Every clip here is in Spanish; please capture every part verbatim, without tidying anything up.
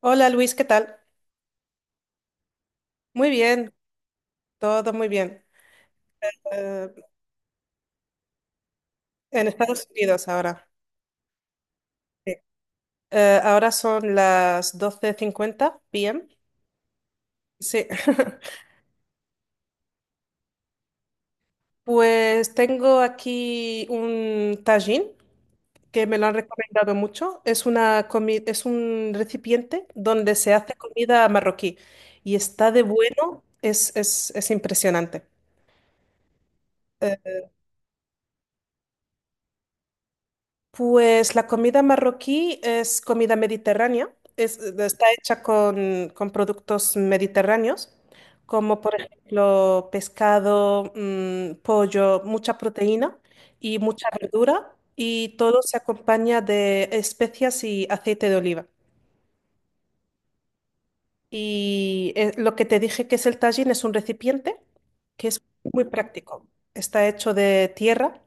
Hola Luis, ¿qué tal? Muy bien, todo muy bien. Eh, en Estados Unidos ahora. Sí. Eh, ahora son las doce cincuenta p m. Sí. Pues tengo aquí un tajín que me lo han recomendado mucho. Es una comi- es un recipiente donde se hace comida marroquí, y está de bueno, es, es, es impresionante. Eh, Pues la comida marroquí es comida mediterránea, es- eh, está hecha con, con productos mediterráneos, como por ejemplo pescado, mm, pollo, mucha proteína y mucha verdura, y todo se acompaña de especias y aceite de oliva. Y eh, lo que te dije que es el tajín es un recipiente que es muy práctico. Está hecho de tierra,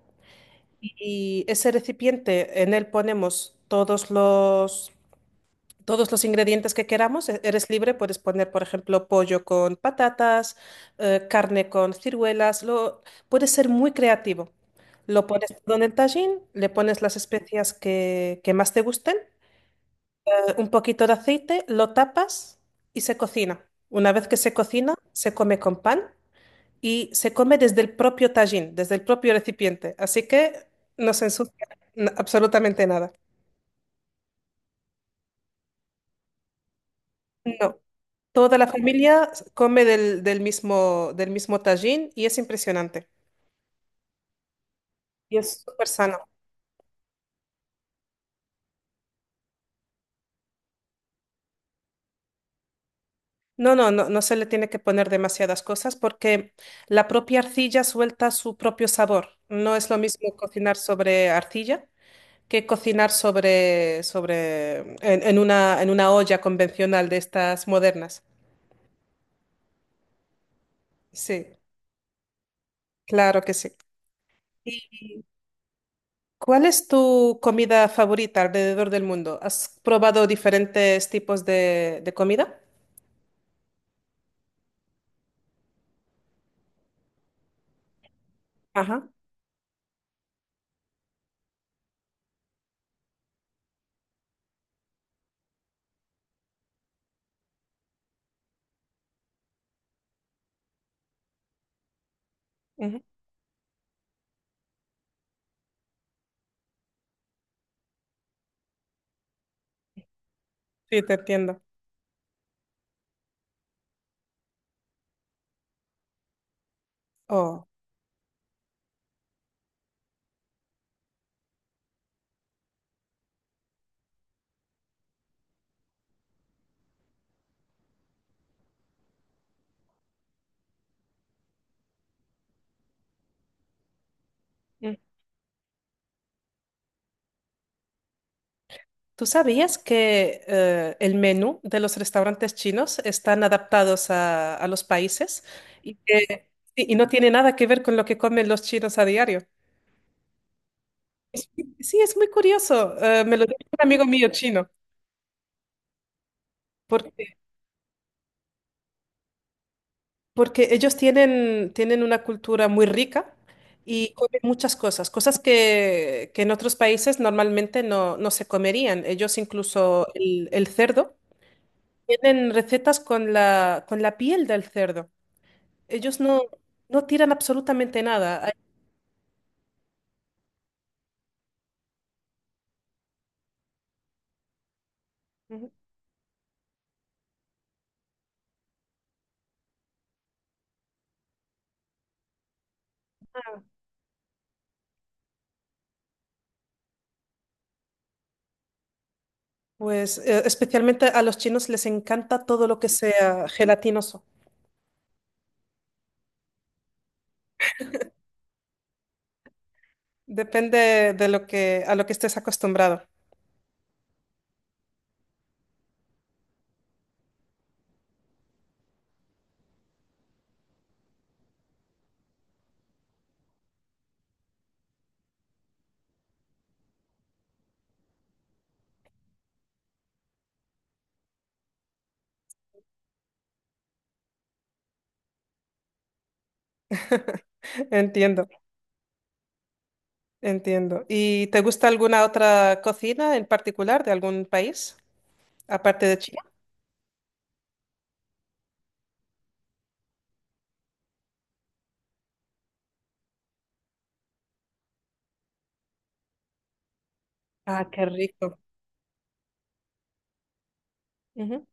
y ese recipiente, en él ponemos todos los todos los ingredientes que queramos. e- Eres libre, puedes poner, por ejemplo, pollo con patatas, eh, carne con ciruelas. Lo, puedes ser muy creativo. Lo pones todo en el tajín, le pones las especias que, que más te gusten, eh, un poquito de aceite, lo tapas y se cocina. Una vez que se cocina, se come con pan y se come desde el propio tajín, desde el propio recipiente. Así que no se ensucia n- absolutamente nada. No. Toda la familia come del, del mismo, del mismo tajín, y es impresionante. Y es súper sano. No, no, no, no se le tiene que poner demasiadas cosas porque la propia arcilla suelta su propio sabor. No es lo mismo cocinar sobre arcilla que cocinar sobre, sobre, en, en una, en una olla convencional de estas modernas. Sí, claro que sí. ¿Y cuál es tu comida favorita alrededor del mundo? ¿Has probado diferentes tipos de, de comida? Ajá. Ujú, sí, te entiendo. Oh. Mm. ¿Tú sabías que eh, el menú de los restaurantes chinos están adaptados a, a los países, y que- y- y no tiene nada que ver con lo que comen los chinos a diario? Sí, es muy curioso. Eh, me lo dijo un amigo mío chino, porque, porque ellos tienen, tienen una cultura muy rica y comen muchas cosas, cosas que, que en otros países normalmente no, no se comerían. Ellos incluso el, el cerdo. Tienen recetas con la, con la piel del cerdo. Ellos no, No tiran absolutamente nada. Hay... Ujú. Pues eh, especialmente a los chinos les encanta todo lo que sea gelatinoso. Depende de lo que, a lo que estés acostumbrado. Entiendo, entiendo. ¿Y te gusta alguna otra cocina en particular de algún país, aparte de China? Ah, qué rico. Ujú,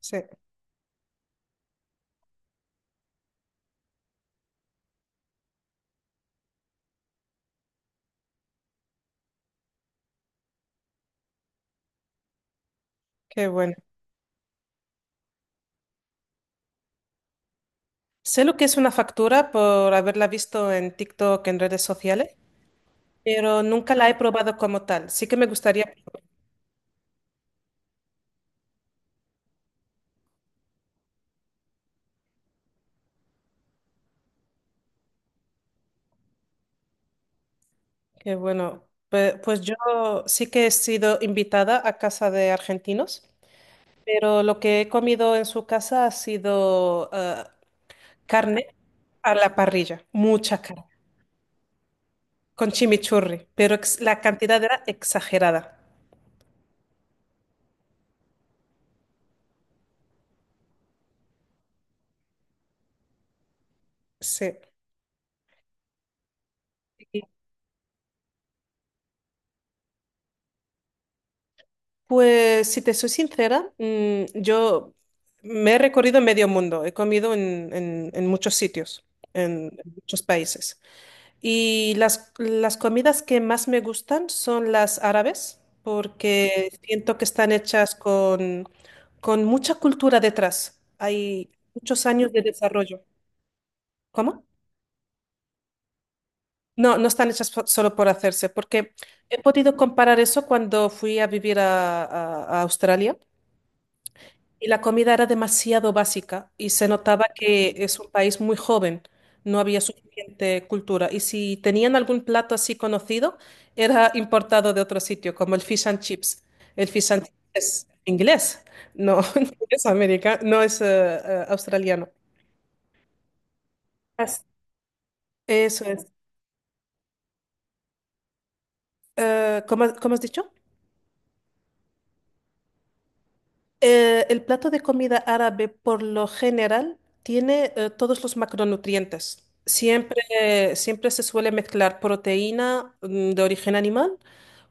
sí, qué bueno. Sé lo que es una factura por haberla visto en TikTok, en redes sociales. Pero nunca la he probado como tal. Sí que me gustaría. Que bueno, pe- pues, yo sí que he sido invitada a casa de argentinos, pero lo que he comido en su casa ha sido eh, carne a la parrilla, mucha carne, con chimichurri, pero ex- la cantidad era exagerada. Sí. Y, Pues si te soy sincera, mm, yo me he recorrido medio mundo, he comido en, en en muchos sitios, en en muchos países. Y las, las comidas que más me gustan son las árabes, porque siento que están hechas con, con mucha cultura detrás. Hay muchos años de desarrollo. ¿Cómo? No, no están hechas fo- solo por hacerse, porque he podido comparar eso cuando fui a vivir a, a- a Australia. Y la comida era demasiado básica y se notaba que es un país muy joven, no había suficiente cultura. Y si tenían algún plato así conocido, era importado de otro sitio, como el fish and chips. El fish and chips es inglés, no no es americano, no es eh, eh, australiano. As- Eso es. Eh, ¿cómo, ¿cómo has dicho? Eh, el plato de comida árabe por lo general tiene eh, todos los macronutrientes. Siempre, eh, siempre se suele mezclar proteína mm, de origen animal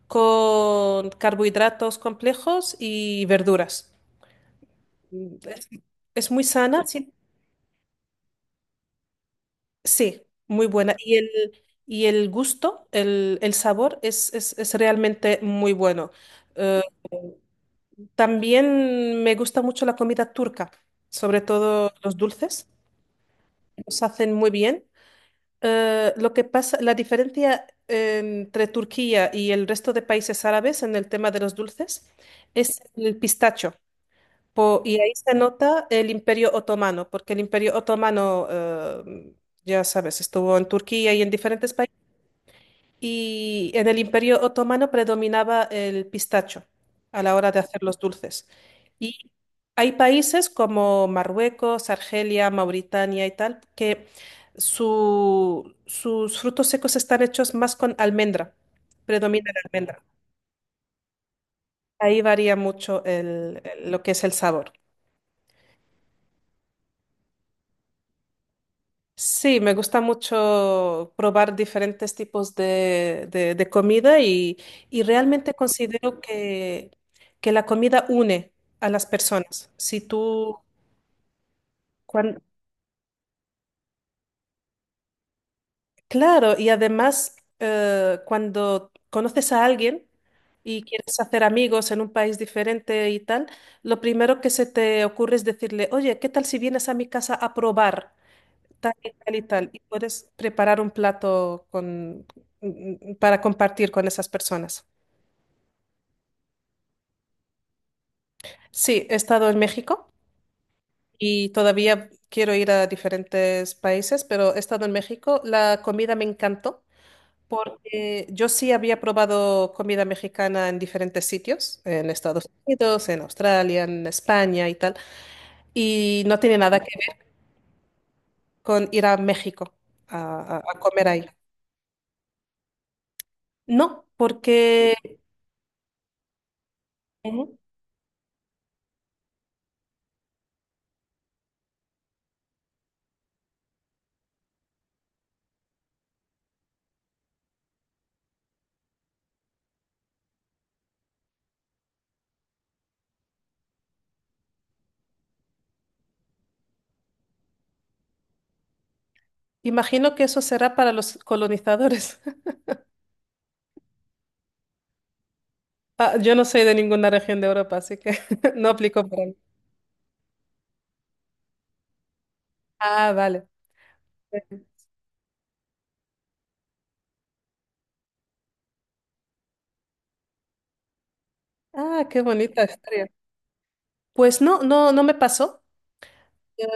con carbohidratos complejos y verduras. Mm, Es, es muy sana, sí, sí, muy buena. Y el, y el gusto, el, el sabor es, es, es realmente muy bueno. Eh, También me gusta mucho la comida turca, sobre todo los dulces. Los hacen muy bien. Eh, lo que pasa, la diferencia em, entre Turquía y el resto de países árabes en el tema de los dulces es el pistacho. Po- y ahí se nota el Imperio Otomano, porque el Imperio Otomano, eh, ya sabes, estuvo en Turquía y en diferentes países. Y en el Imperio Otomano predominaba el pistacho a la hora de hacer los dulces. Y hay países como Marruecos, Argelia, Mauritania y tal, que su- sus frutos secos están hechos más con almendra. Predomina la almendra. Ahí varía mucho el- el- lo que es el sabor. Sí, me gusta mucho probar diferentes tipos de, de- de comida, y, y realmente considero que, que la comida une a las personas. Si tú, cuan- claro, y además eh, cuando conoces a alguien y quieres hacer amigos en un país diferente y tal, lo primero que se te ocurre es decirle: oye, ¿qué tal si vienes a mi casa a probar tal y tal y tal? Y puedes preparar un plato con, mm, mm, para compartir con esas personas. Sí, he estado en México, y todavía quiero ir a diferentes países, pero he estado en México. La comida me encantó, porque yo sí había probado comida mexicana en diferentes sitios, en Estados Unidos, en Australia, en España y tal, y no tiene nada que ver con ir a México a, a- a comer ahí. No, porque... Ujú. Imagino que eso será para los colonizadores. Ah, yo no soy de ninguna región de Europa, así que no aplico para mí. Ah, vale. Ah, qué bonita historia. Pues no, no, no me pasó. Eh,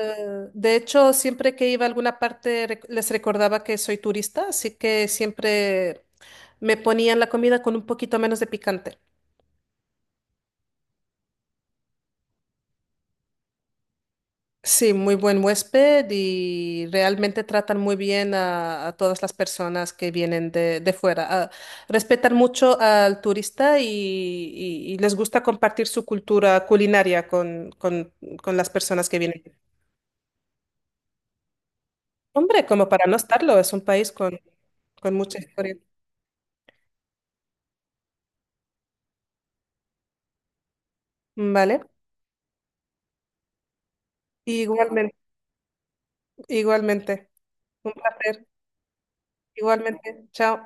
de hecho, siempre que iba a alguna parte rec- les recordaba que soy turista, así que siempre me ponían la comida con un poquito menos de picante. Sí, muy buen huésped, y realmente tratan muy bien a, a todas las personas que vienen de, de fuera. Ah, respetan mucho al turista, y, y- y les gusta compartir su cultura culinaria con, con- con las personas que vienen. Hombre, como para no estarlo, es un país con, con mucha historia. Vale, igualmente, igualmente. Un placer, igualmente. Chao.